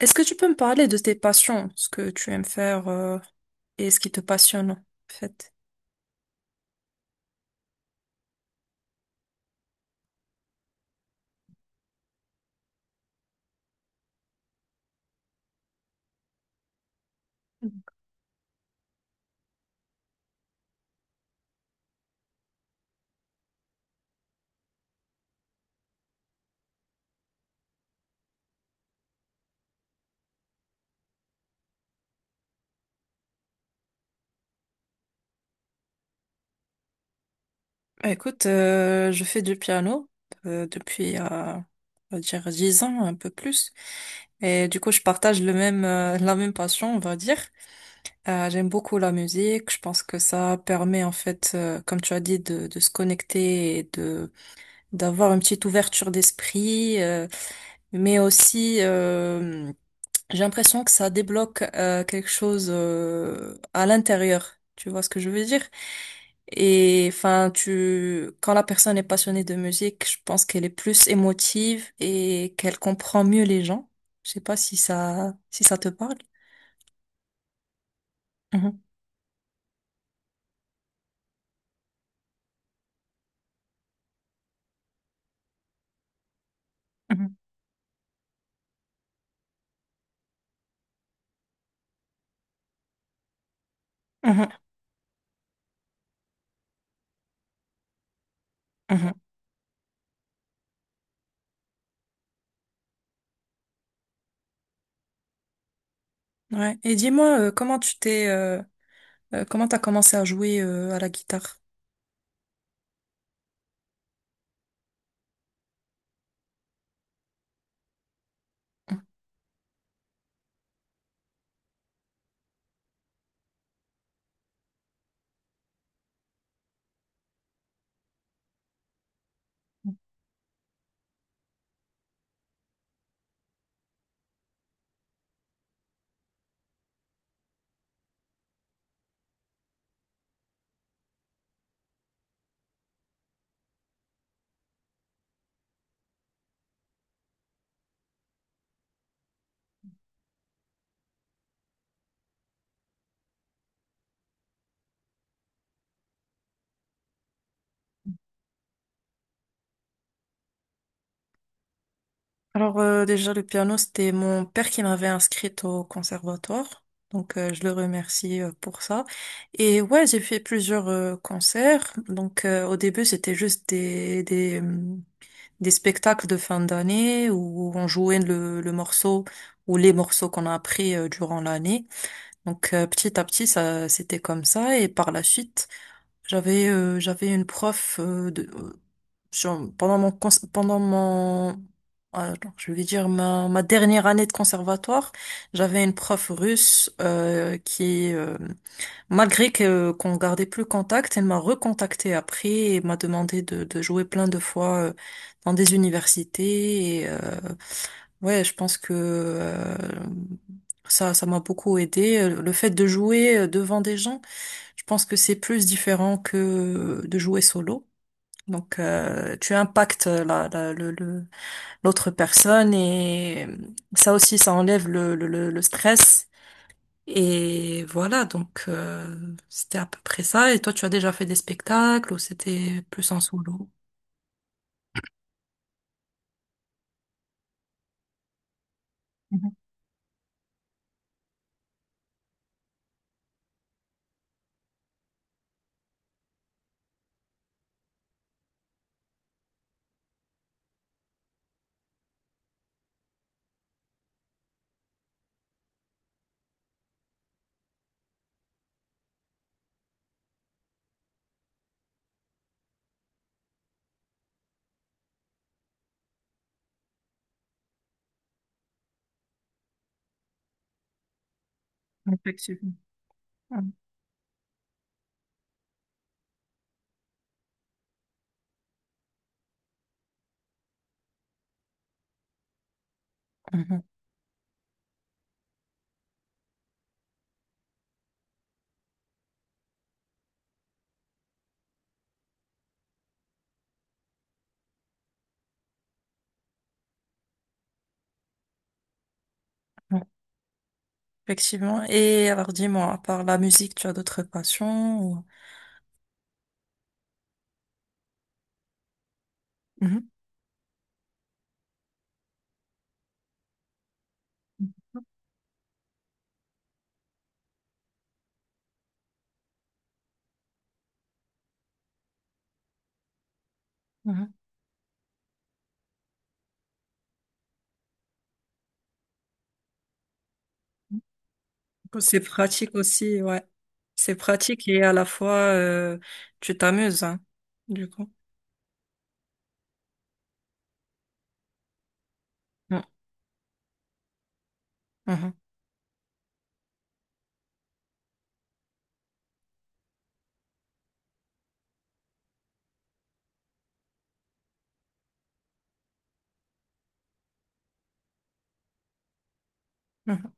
Est-ce que tu peux me parler de tes passions, ce que tu aimes faire et ce qui te passionne, en fait? Mm. Écoute, je fais du piano euh, depuis, euh, on va dire, 10 ans, un peu plus. Et du coup, je partage le même, la même passion, on va dire. J'aime beaucoup la musique. Je pense que ça permet, en fait, comme tu as dit, de se connecter et de d'avoir une petite ouverture d'esprit, mais aussi... j'ai l'impression que ça débloque quelque chose à l'intérieur. Tu vois ce que je veux dire? Et enfin, quand la personne est passionnée de musique, je pense qu'elle est plus émotive et qu'elle comprend mieux les gens. Je sais pas si ça, si ça te parle. Mhm, mhm, mhm, mhm. Ouais. Et dis-moi, comment t'as commencé à jouer à la guitare? Alors déjà le piano c'était mon père qui m'avait inscrite au conservatoire donc je le remercie pour ça et ouais j'ai fait plusieurs concerts donc au début c'était juste des des spectacles de fin d'année où on jouait le morceau ou les morceaux qu'on a appris durant l'année donc petit à petit ça c'était comme ça et par la suite j'avais une prof de sur- pendant mon, cons- pendant mon, alors, je vais dire ma, ma dernière année de conservatoire, j'avais une prof russe malgré que qu'on gardait plus contact, elle m'a recontacté après et m'a demandé de jouer plein de fois dans des universités. Ouais, je pense que ça, ça m'a beaucoup aidé. Le fait de jouer devant des gens, je pense que c'est plus différent que de jouer solo. Donc, tu impactes l'autre personne et ça aussi, ça enlève le stress. Et voilà, donc c'était à peu près ça. Et toi, tu as déjà fait des spectacles ou c'était plus en solo? Mhm. Effectivement. Mhm, mhm, mhm. Effectivement. Et alors, dis-moi, à part la musique, tu as d'autres passions ou- Mhm. Mhm. Mhm. C'est pratique aussi, ouais. C'est pratique et à la fois, tu t'amuses, hein, du coup. Mhm, mhm,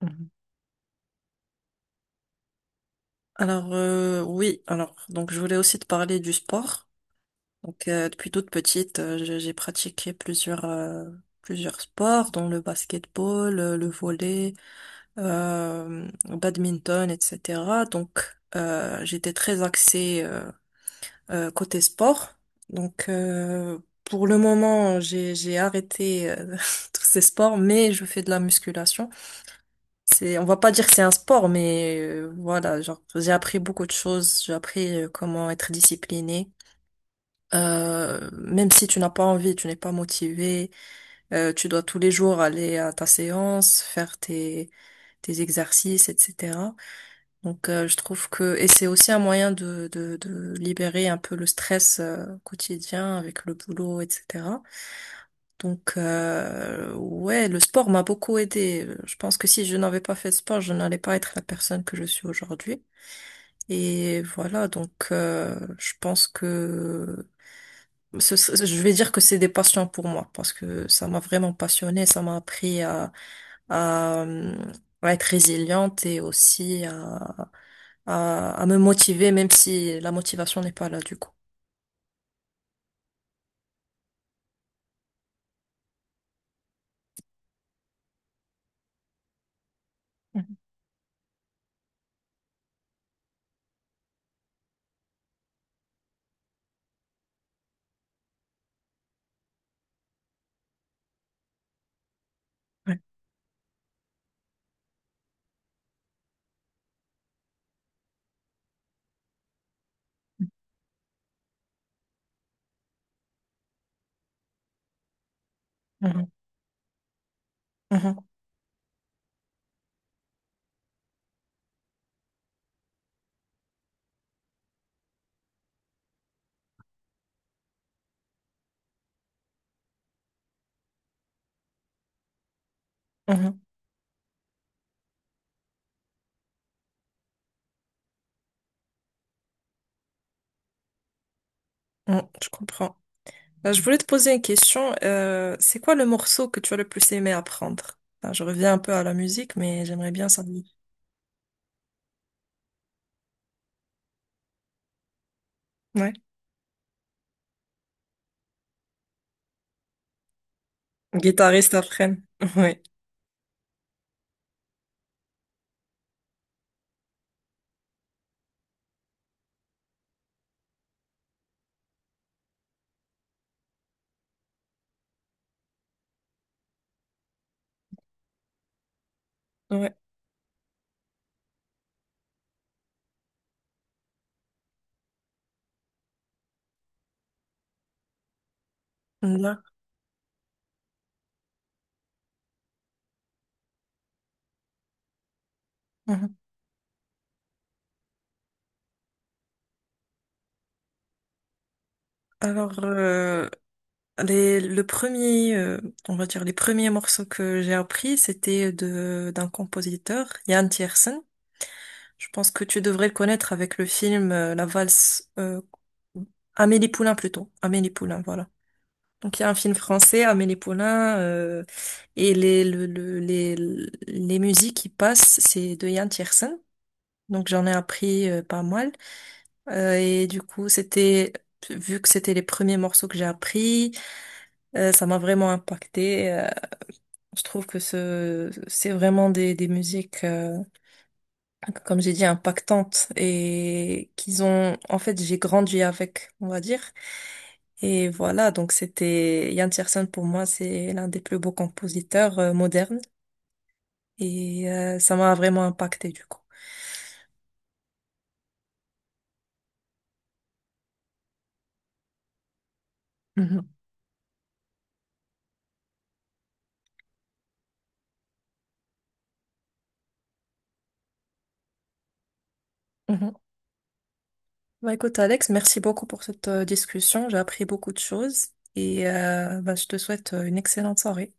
mhm. Alors oui, alors donc je voulais aussi te parler du sport. Donc depuis toute petite, j'ai pratiqué plusieurs plusieurs sports, dont le basketball, le volley, le badminton, etc. Donc j'étais très axée côté sport. Donc pour le moment, j'ai arrêté tous ces sports, mais je fais de la musculation. C'est, on va pas dire que c'est un sport, mais voilà, genre j'ai appris beaucoup de choses. J'ai appris comment être discipliné. Même si tu n'as pas envie, tu n'es pas motivé, tu dois tous les jours aller à ta séance, faire tes exercices, etc. Donc je trouve que et c'est aussi un moyen de, de libérer un peu le stress quotidien avec le boulot, etc. Donc, ouais, le sport m'a beaucoup aidé. Je pense que si je n'avais pas fait de sport, je n'allais pas être la personne que je suis aujourd'hui. Et voilà, donc je pense que je vais dire que c'est des passions pour moi parce que ça m'a vraiment passionnée, ça m'a appris à, à, euh, à être résiliente et aussi à, à me motiver, même si la motivation n'est pas là du coup. Mhm, mhm, mhm, mhm, je comprends. Je voulais te poser une question. C'est quoi le morceau que tu as le plus aimé apprendre? Enfin, je reviens un peu à la musique, mais j'aimerais bien savoir. Ouais. Guitariste apprenne. Ouais. Ouais. Là. Mhm. Alors, le premier, on va dire les premiers morceaux que j'ai appris, c'était de d'un compositeur, Jan Tiersen. Je pense que tu devrais le connaître avec le film La valse Amélie Poulain plutôt. Amélie Poulain, voilà. Donc il y a un film français, Amélie Poulain, et les musiques qui passent, c'est de Yann Tiersen. Donc j'en ai appris pas mal. Et du coup, c'était, vu que c'était les premiers morceaux que j'ai appris, ça m'a vraiment impacté. Je trouve que c'est vraiment des musiques. Comme j'ai dit, impactantes et qu'ils ont, en fait, j'ai grandi avec, on va dire. Et voilà, donc c'était Ian Tiersen pour moi, c'est l'un des plus beaux compositeurs modernes et ça m'a vraiment impacté du coup. Mhm. Mhm. Bah écoute Alex, merci beaucoup pour cette discussion, j'ai appris beaucoup de choses et bah, je te souhaite une excellente soirée.